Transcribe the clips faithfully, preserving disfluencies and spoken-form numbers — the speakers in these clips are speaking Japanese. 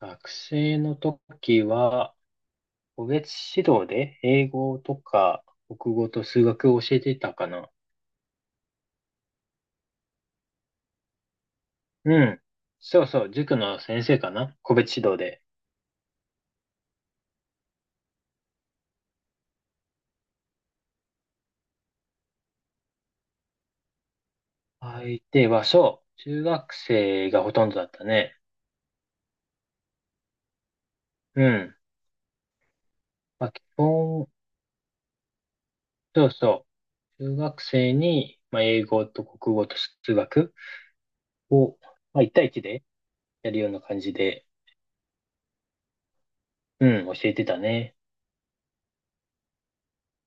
学生の時は、個別指導で英語とか国語と数学を教えていたかな。うん。そうそう、塾の先生かな。個別指導で。相手は、そう、中学生がほとんどだったね。うん。まあ、基本、そうそう、中学生に、まあ、英語と国語と数学を、まあ、いち対一でやるような感じで、うん、教えてたね。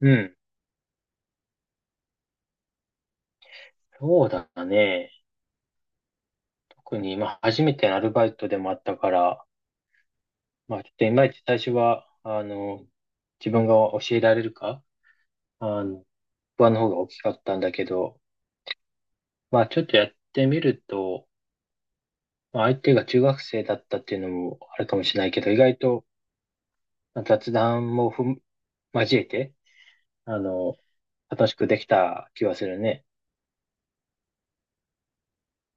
うん。そうだね。特に、まあ、初めてのアルバイトでもあったから、まあ、ちょっといまいち最初は、あの、自分が教えられるか、あの、不安の方が大きかったんだけど、まあ、ちょっとやってみると、まあ、相手が中学生だったっていうのもあるかもしれないけど、意外とまあ雑談もふん、交えて、あの、楽しくできた気はするね。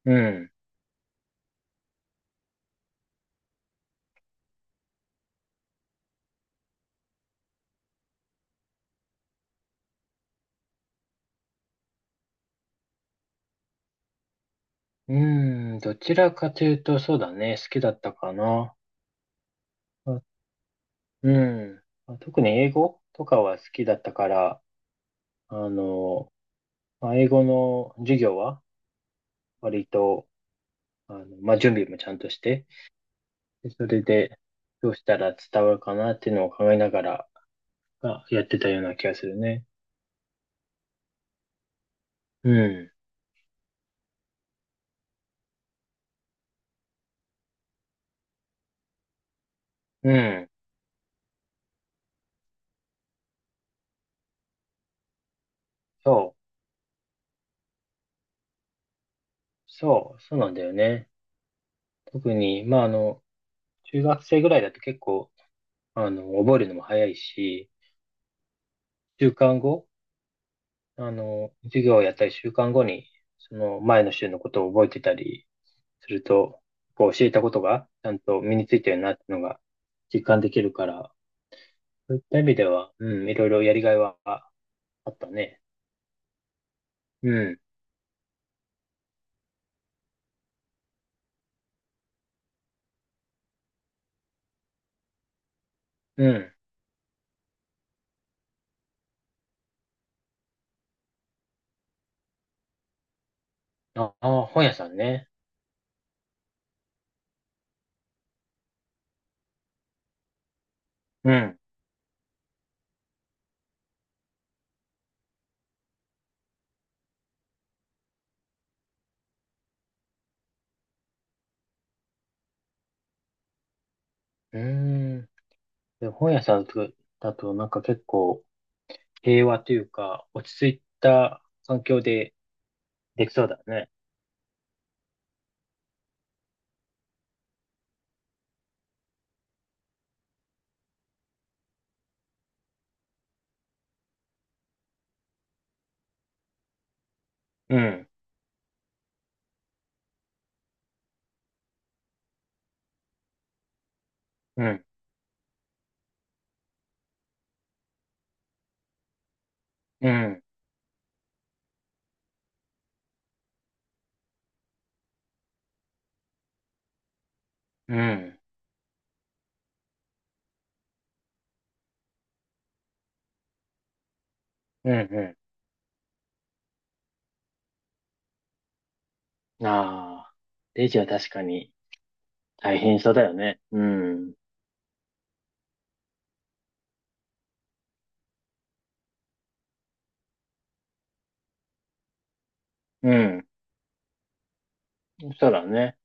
うん。うん、どちらかというと、そうだね、好きだったかな。あうん。まあ特に英語とかは好きだったから、あの、まあ、英語の授業は、割と、あの、まあ、準備もちゃんとして、でそれで、どうしたら伝わるかなっていうのを考えながら、あ、やってたような気がするね。うん。うん。そう。そう。そうなんだよね。特に、まあ、あの、中学生ぐらいだと結構、あの、覚えるのも早いし、週間後、あの、授業をやったり週間後に、その前の週のことを覚えてたりすると、こう教えたことがちゃんと身についたよなっていうのが実感できるから、そういった意味では、うん、いろいろやりがいはあったね。うん、うん。ああ、本屋さんね。うん。うーん。で、本屋さんだと、だとなんか結構平和というか、落ち着いた環境でできそうだね。うん、うん、うん、うん、うん、うん。ああ、レジは確かに大変そうだよね。うん、うん、そうだね。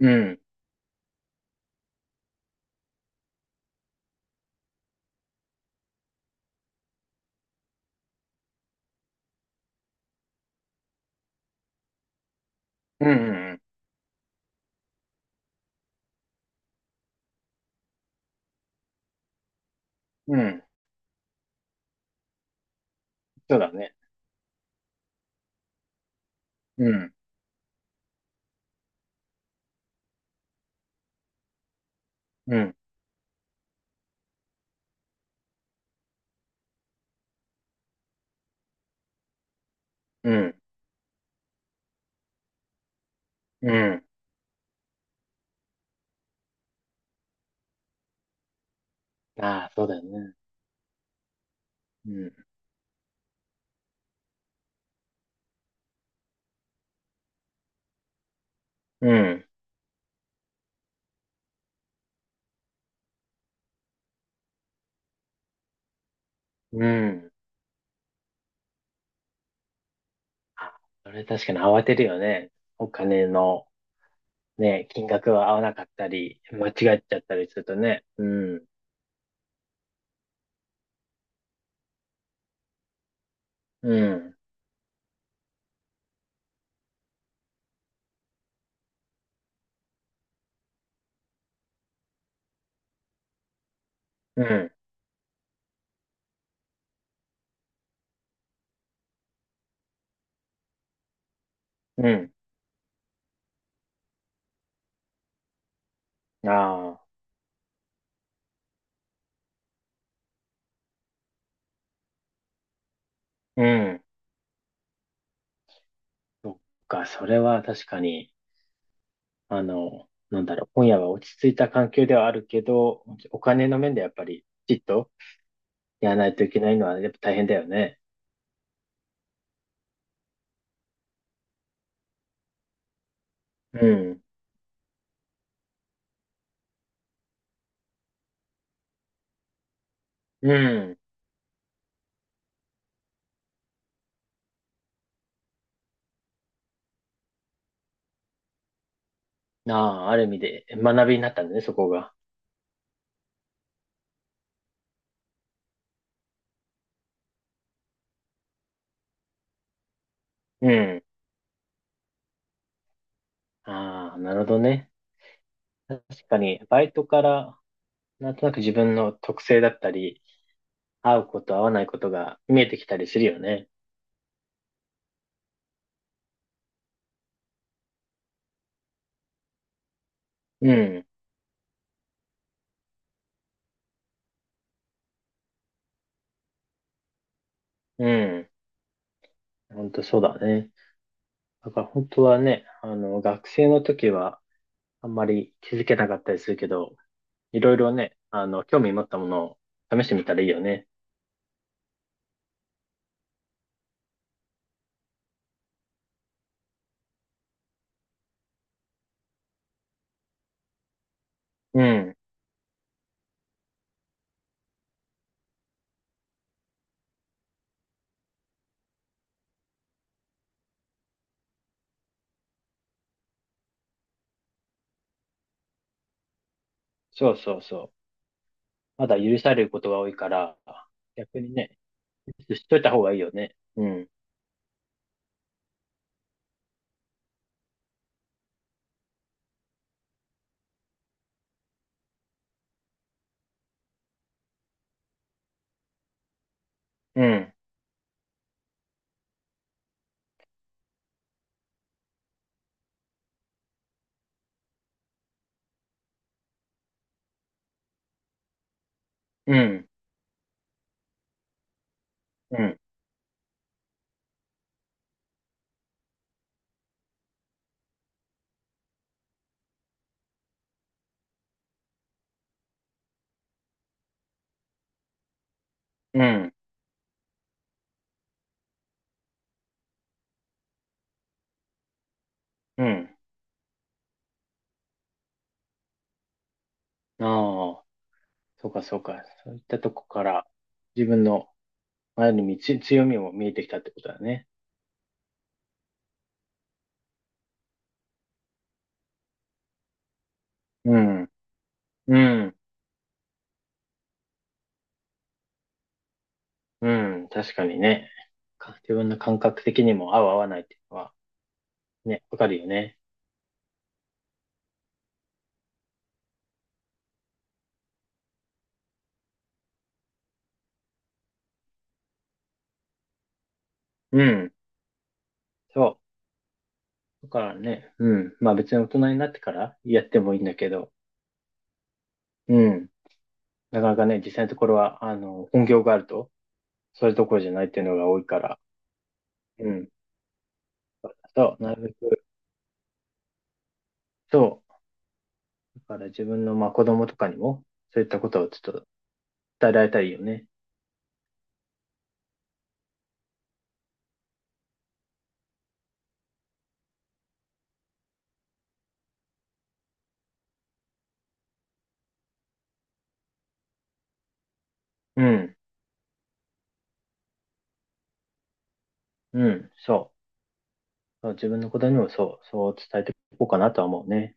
うん、うん、うん、うん、そうだね。うん、うん、うん、うん。ああ、そうだよね。うん。うん。うん。あ、それ確かに慌てるよね。お金のね、金額が合わなかったり、間違っちゃったりするとね。うん。うん。うん。うん。ああ。うん。そっか、それは確かに、あの、なんだろう、今夜は落ち着いた環境ではあるけど、お金の面でやっぱり、きちっとやらないといけないのは、やっぱ大変だよね。うん。うん。ああ、ある意味で学びになったんだね、そこが。うん。ああ、なるほどね。確かに、バイトから、なんとなく自分の特性だったり、合うこと、合わないことが見えてきたりするよね。うん、うん。本当そうだね。だから本当はね、あの、学生の時は、あんまり気づけなかったりするけど、いろいろね、あの、興味持ったものを試してみたらいいよね。うん。そうそうそう。まだ許されることが多いから、逆にね、知っといた方がいいよね。うん、うん、うん、うん、うん、うん。ああ、そうかそうか。そういったとこから自分のある意味つ強みも見えてきたってことだね。うん、うん、うん、確かにね。か自分の感覚的にも合う合わないっていうのはね、わかるよね。うん、そう。だからね、うん。まあ別に大人になってからやってもいいんだけど、うん。なかなかね、実際のところは、あの、本業があると、そういうところじゃないっていうのが多いから、うん。そう、なるべく、そう。だから自分の、まあ子供とかにも、そういったことをちょっと伝えられたらいいよね。うん、うん、そう。そう自分の子供にもそう、そう伝えていこうかなとは思うね。